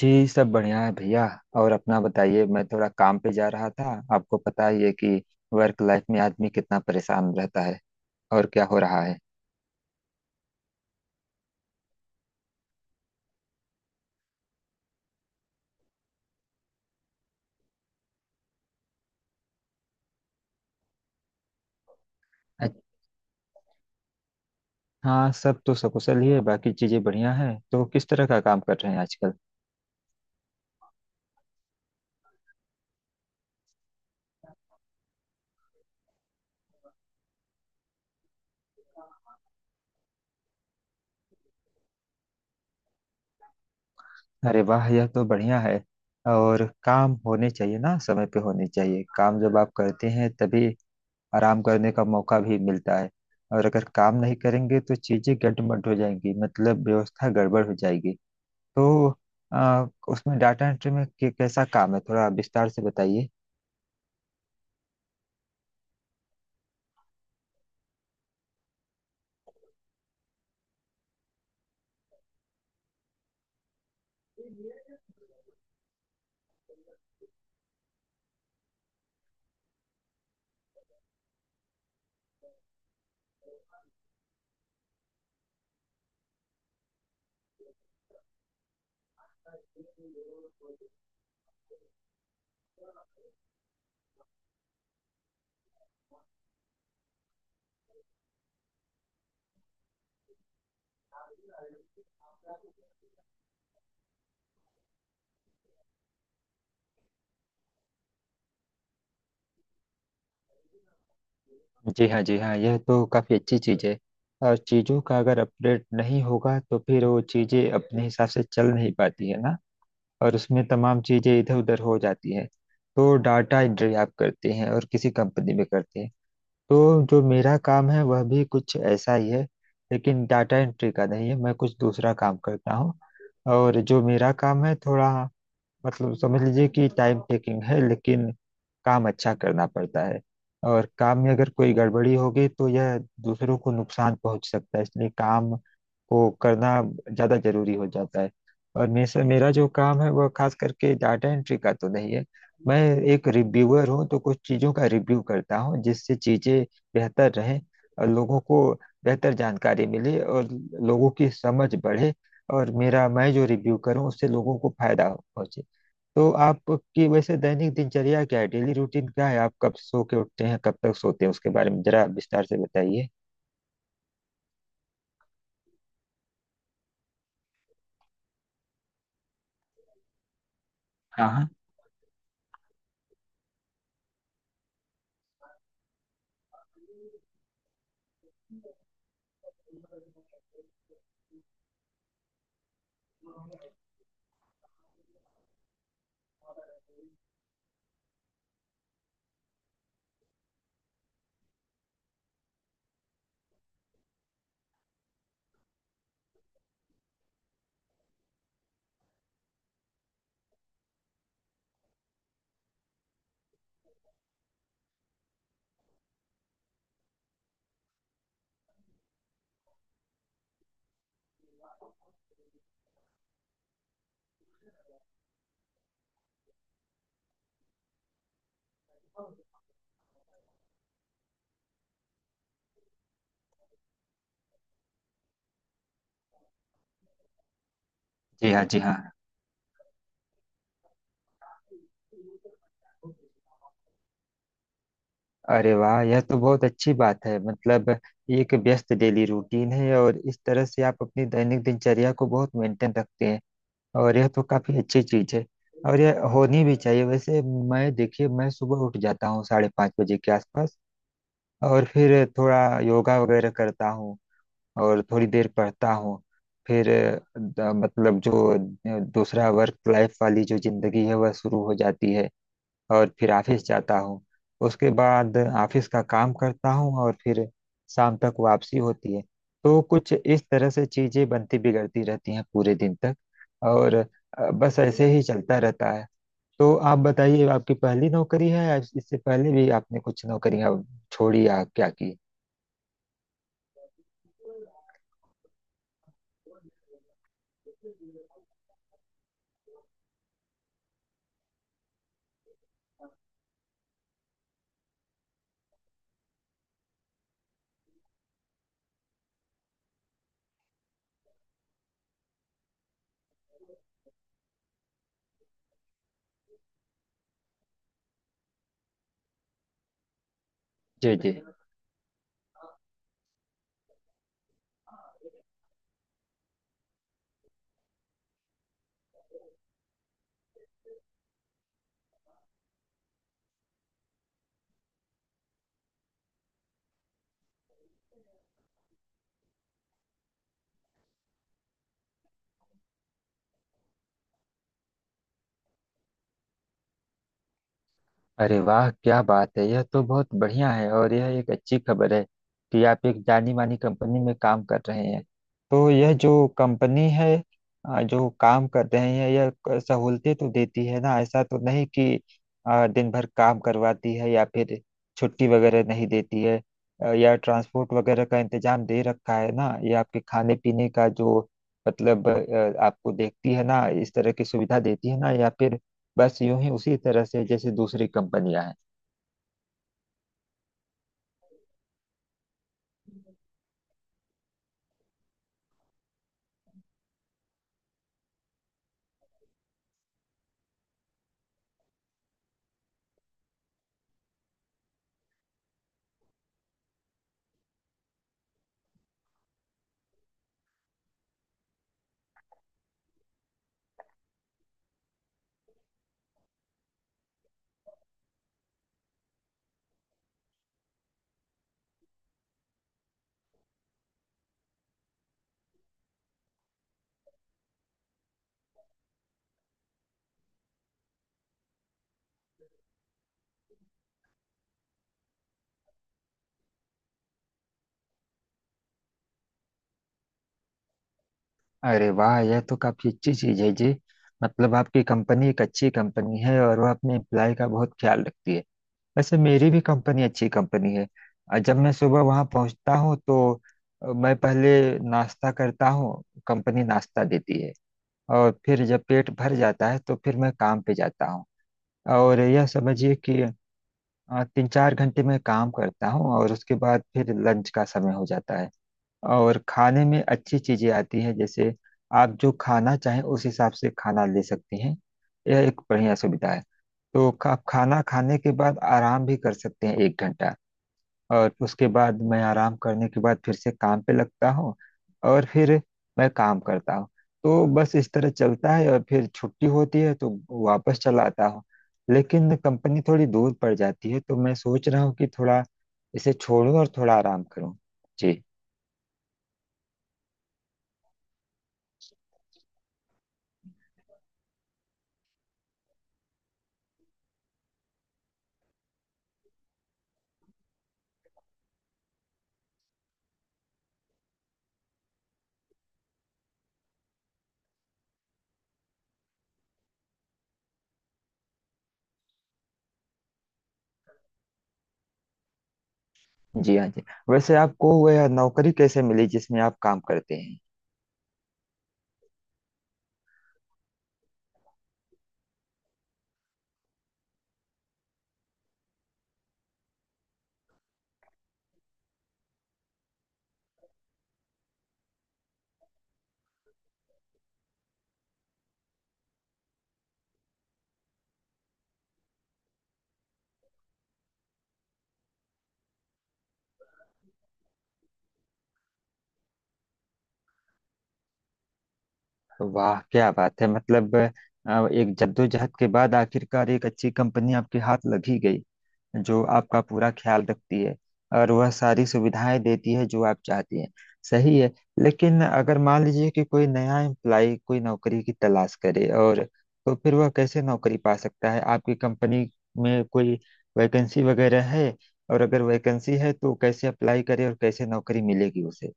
जी सब बढ़िया है भैया। और अपना बताइए, मैं थोड़ा काम पे जा रहा था। आपको पता ही है कि वर्क लाइफ में आदमी कितना परेशान रहता है। और क्या हो रहा है? अच्छ- हाँ, सब तो सकुशल ही है, बाकी चीजें बढ़िया हैं। तो किस तरह का काम कर रहे हैं आजकल? अरे वाह, यह तो बढ़िया है। और काम होने चाहिए ना, समय पे होने चाहिए काम, जब आप करते हैं तभी आराम करने का मौका भी मिलता है। और अगर काम नहीं करेंगे तो चीजें गड़बड़ हो जाएंगी, मतलब व्यवस्था गड़बड़ हो जाएगी। तो उसमें डाटा एंट्री में कैसा काम है, थोड़ा विस्तार से बताइए। जी हाँ, जी हाँ, यह तो काफ़ी अच्छी चीज़ है। और चीज़ों का अगर अपडेट नहीं होगा तो फिर वो चीज़ें अपने हिसाब से चल नहीं पाती है ना, और उसमें तमाम चीज़ें इधर उधर हो जाती है। तो डाटा एंट्री आप करते हैं और किसी कंपनी में करते हैं, तो जो मेरा काम है वह भी कुछ ऐसा ही है, लेकिन डाटा एंट्री का नहीं है। मैं कुछ दूसरा काम करता हूँ। और जो मेरा काम है, थोड़ा मतलब समझ लीजिए कि टाइम टेकिंग है, लेकिन काम अच्छा करना पड़ता है। और काम में अगर कोई गड़बड़ी होगी तो यह दूसरों को नुकसान पहुंच सकता है, इसलिए काम को करना ज़्यादा जरूरी हो जाता है। और मेरा मेरा जो काम है वह खास करके डाटा एंट्री का तो नहीं है। मैं एक रिव्यूअर हूँ, तो कुछ चीज़ों का रिव्यू करता हूँ, जिससे चीज़ें बेहतर रहें और लोगों को बेहतर जानकारी मिले और लोगों की समझ बढ़े, और मेरा मैं जो रिव्यू करूँ उससे लोगों को फायदा पहुंचे। तो आपकी वैसे दैनिक दिनचर्या क्या है, डेली रूटीन क्या है, आप कब सो के उठते हैं, कब तक सोते हैं, उसके बारे में जरा विस्तार से बताइए। हाँ हाँ। जी हाँ, जी हाँ। अरे वाह, यह तो बहुत अच्छी बात है। मतलब ये एक व्यस्त डेली रूटीन है और इस तरह से आप अपनी दैनिक दिनचर्या को बहुत मेंटेन रखते हैं, और यह तो काफी अच्छी चीज है, और यह होनी भी चाहिए। वैसे मैं, देखिए, मैं सुबह उठ जाता हूँ साढ़े पाँच बजे के आसपास, और फिर थोड़ा योगा वगैरह करता हूँ और थोड़ी देर पढ़ता हूँ। फिर दूसरा वर्क लाइफ वाली जो जिंदगी है वह शुरू हो जाती है, और फिर ऑफिस जाता हूँ। उसके बाद ऑफिस का काम करता हूँ, और फिर शाम तक वापसी होती है। तो कुछ इस तरह से चीजें बनती बिगड़ती रहती हैं पूरे दिन तक, और बस ऐसे ही चलता रहता है। तो आप बताइए, आपकी पहली नौकरी है या इससे पहले भी आपने कुछ नौकरियां छोड़ी या क्या की? जी जी। अरे वाह, क्या बात है, यह तो बहुत बढ़िया है, और यह एक अच्छी खबर है कि आप एक जानी मानी कंपनी में काम कर रहे हैं। तो यह जो कंपनी है, जो काम कर रहे हैं, यह सहूलतें तो देती है ना? ऐसा तो नहीं कि दिन भर काम करवाती है, या फिर छुट्टी वगैरह नहीं देती है? या ट्रांसपोर्ट वगैरह का इंतजाम दे रखा है ना? ये आपके खाने पीने का जो, मतलब आपको देखती है ना, इस तरह की सुविधा देती है ना, या फिर बस यूं ही उसी तरह से जैसे दूसरी कंपनियां हैं? अरे वाह, यह तो काफी अच्छी चीज है जी। मतलब आपकी कंपनी एक अच्छी कंपनी है और वह अपने एम्प्लॉय का बहुत ख्याल रखती है। वैसे मेरी भी कंपनी अच्छी कंपनी है, और जब मैं सुबह वहां पहुंचता हूँ तो मैं पहले नाश्ता करता हूँ, कंपनी नाश्ता देती है। और फिर जब पेट भर जाता है तो फिर मैं काम पे जाता हूँ। और यह समझिए कि तीन चार घंटे मैं काम करता हूँ और उसके बाद फिर लंच का समय हो जाता है। और खाने में अच्छी चीजें आती हैं, जैसे आप जो खाना चाहें उस हिसाब से खाना ले सकती हैं। यह एक बढ़िया सुविधा है। तो आप खाना खाने के बाद आराम भी कर सकते हैं एक घंटा, और उसके बाद मैं आराम करने के बाद फिर से काम पे लगता हूँ, और फिर मैं काम करता हूँ। तो बस इस तरह चलता है, और फिर छुट्टी होती है तो वापस चला आता हूँ। लेकिन कंपनी थोड़ी दूर पड़ जाती है, तो मैं सोच रहा हूँ कि थोड़ा इसे छोड़ूं और थोड़ा आराम करूँ। जी। जी हाँ जी। वैसे आपको वह नौकरी कैसे मिली जिसमें आप काम करते हैं? वाह क्या बात है, मतलब एक जद्दोजहद के बाद आखिरकार एक अच्छी कंपनी आपके हाथ लगी गई, जो आपका पूरा ख्याल रखती है और वह सारी सुविधाएं देती है जो आप चाहती हैं। सही है। लेकिन अगर मान लीजिए कि कोई नया एम्प्लाई कोई नौकरी की तलाश करे, और तो फिर वह कैसे नौकरी पा सकता है? आपकी कंपनी में कोई वैकेंसी वगैरह है? और अगर वैकेंसी है तो कैसे अप्लाई करे और कैसे नौकरी मिलेगी उसे?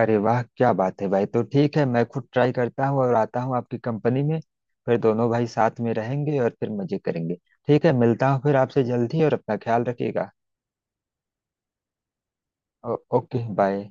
अरे वाह क्या बात है भाई। तो ठीक है, मैं खुद ट्राई करता हूँ और आता हूँ आपकी कंपनी में। फिर दोनों भाई साथ में रहेंगे और फिर मजे करेंगे। ठीक है, मिलता हूँ फिर आपसे जल्द ही, और अपना ख्याल रखिएगा। Okay, bye.